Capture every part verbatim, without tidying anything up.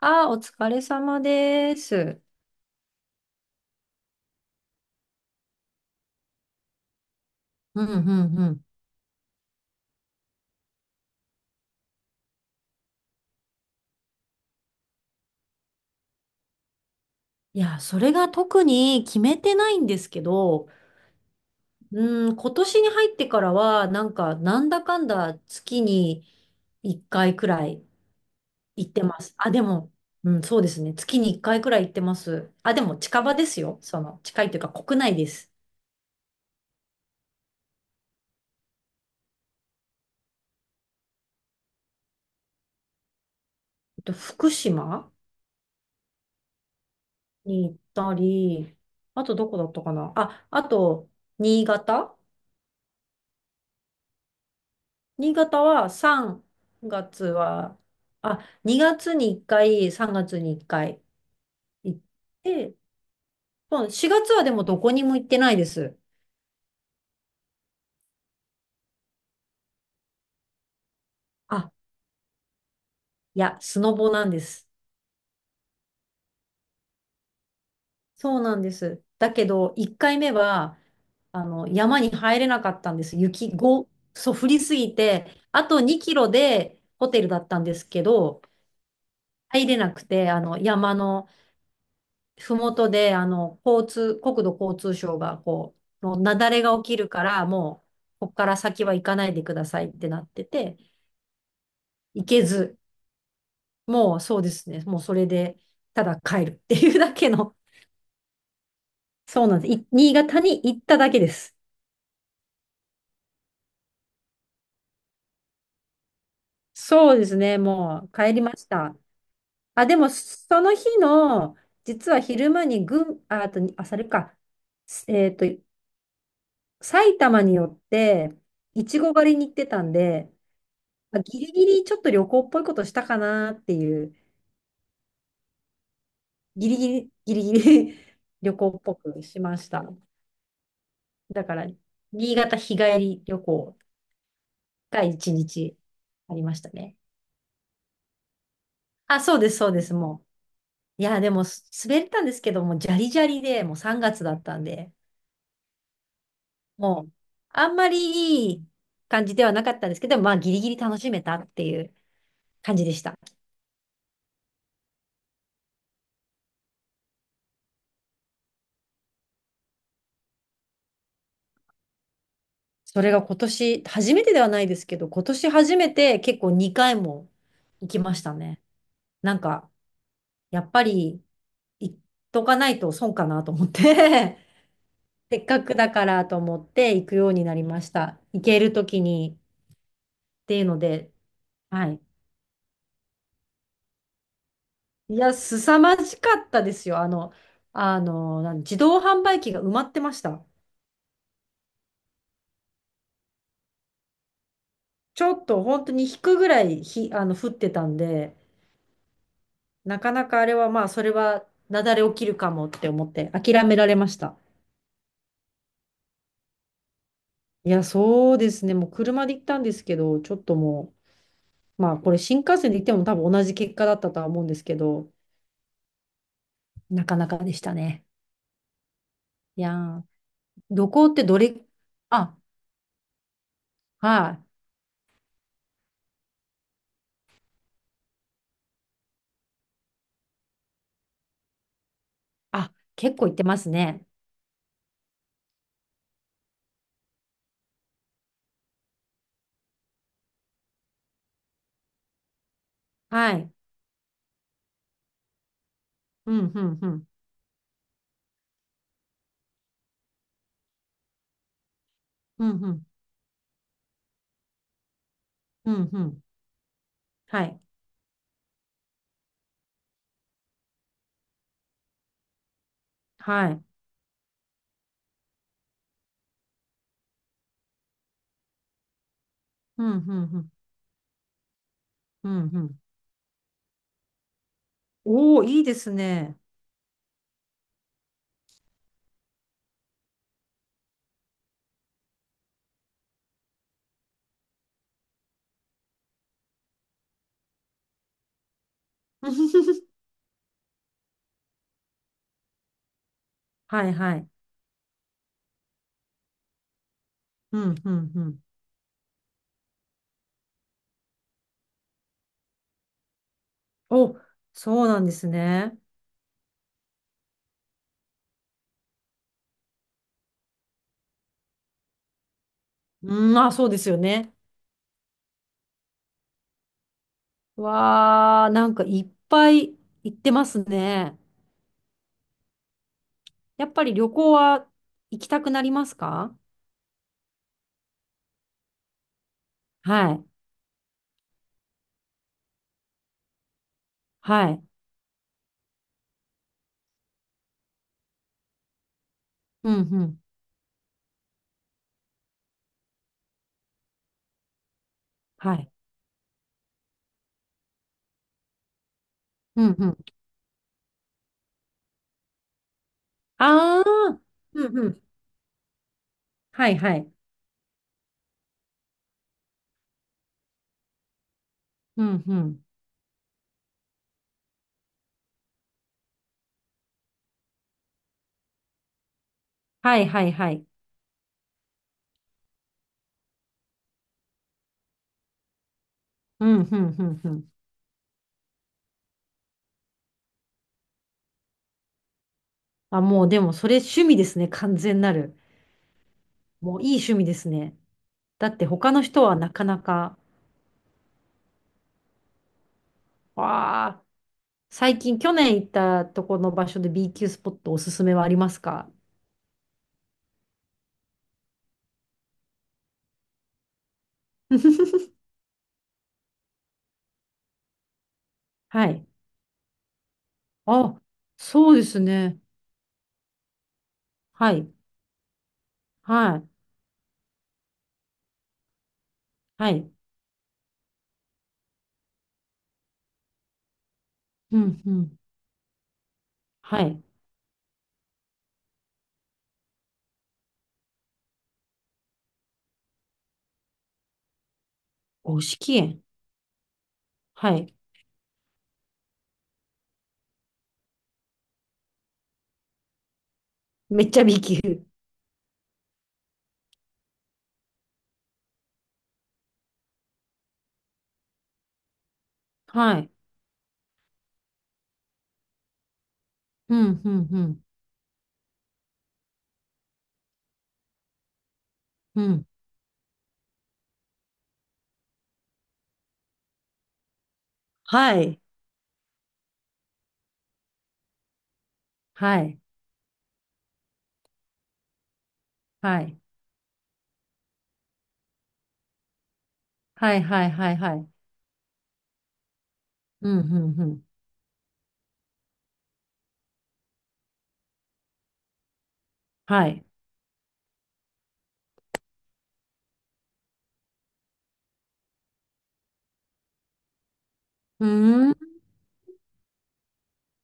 ああ、お疲れ様です。うんうんうん。いや、それが特に決めてないんですけど、うん、今年に入ってからは、なんか、なんだかんだ月にいっかいくらい行ってます。あ、でも、うん、そうですね。月にいっかいくらい行ってます。あ、でも近場ですよ。その、近いというか国内です。えっと、福島に行ったり、あとどこだったかなあ、あと、新潟新潟はさんがつは、あ、にがつにいっかい、さんがつにいっかい行って、そしがつはでもどこにも行ってないです。あ、いや、スノボなんです。そうなんです。だけど、いっかいめは、あの、山に入れなかったんです。雪、ご、そう、降りすぎて、あとにキロでホテルだったんですけど、入れなくて、あの、山の、ふもとで、あの、交通、国土交通省が、こう、もう雪崩が起きるから、もう、ここから先は行かないでくださいってなってて、行けず、もうそうですね、もうそれで、ただ帰るっていうだけの、そうなんです。い新潟に行っただけです。そうですね、もう帰りました。あ、でも、その日の、実は昼間に群、あ、あと、あ、それか、えっと、埼玉によって、いちご狩りに行ってたんで、まあ、ギリギリちょっと旅行っぽいことしたかなっていう、ギリギリ、ギリギリ 旅行っぽくしました。だから、新潟日帰り旅行がいちにちありましたね。あ、そうです、そうです、もう。いや、でも、す滑ったんですけども、じゃりじゃりで、もうさんがつだったんで、もう、あんまりいい感じではなかったんですけど、まあ、ギリギリ楽しめたっていう感じでした。それが今年、初めてではないですけど、今年初めて結構にかいも行きましたね。なんか、やっぱり行っとかないと損かなと思って せっかくだからと思って行くようになりました。行けるときにっていうので、はい。いや、凄まじかったですよ。あの、あの、なん自動販売機が埋まってました。ちょっと本当に引くぐらいひ、あの、降ってたんで、なかなかあれはまあ、それは雪崩起きるかもって思って諦められました。いや、そうですね。もう車で行ったんですけど、ちょっともう、まあ、これ新幹線で行っても多分同じ結果だったとは思うんですけど、なかなかでしたね。いやー、旅行ってどれ、あ、はい。あ、結構行ってますね。はい。うん、うん、うん。うん、うん、うん、うん。はい。はい。うん、うん、うん。うん、うん。おー、いいですね。はい、はい。うん、うん、うん。お、そうなんですね。うん、あ、そうですよね。わー、なんかいっぱい行ってますね。やっぱり旅行は行きたくなりますか？はい。はい。うん、うん。はい。うん、うん。ああ、うん、うん。はい、はい。うん、うん。はい、はい、はい。うん、うん、うん、うん。あ、もうでもそれ趣味ですね。完全なる。もういい趣味ですね。だって他の人はなかなか。わあ、最近去年行ったとこの場所で B 級スポットおすすめはありますか？ はい。あ、そうですね。はい。はい。はい。うん、うん。はい。五色園。はい。めっちゃ B 級。はい。うん、うん、うん、うん。はい。はい。はい。はい、はい、はい、はい。うん、うん、うん。はい。うーん。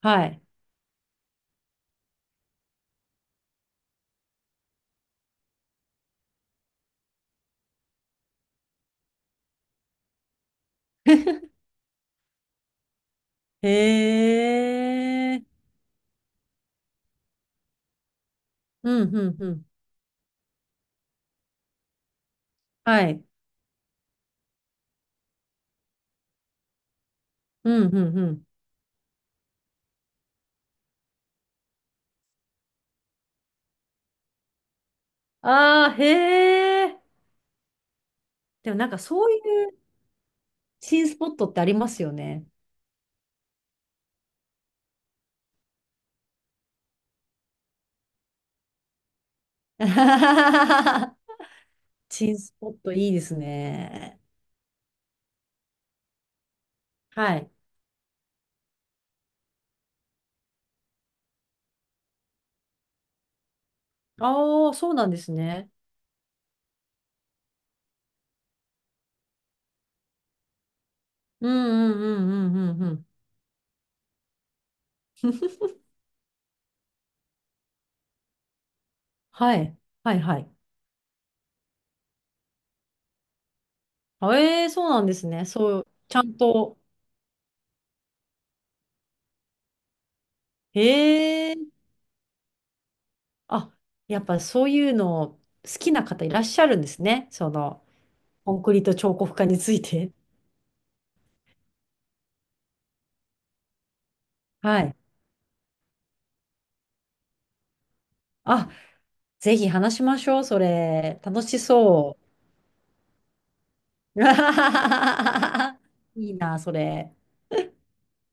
はい。へえ。うん、うん、うん。はい。うん、うん、うん。ああ、へえ。でもなんかそういう新スポットってありますよね。新スポットいいですね。はい。ああ、そうなんですね。うんうんうんうんうんうん。はい。はいはい。あえーそうなんですね。そう、ちゃんと。ええーあ、やっぱそういうの好きな方いらっしゃるんですね。その、コンクリート彫刻家について。はい。あ、ぜひ話しましょう、それ。楽しそう。いいな、それ。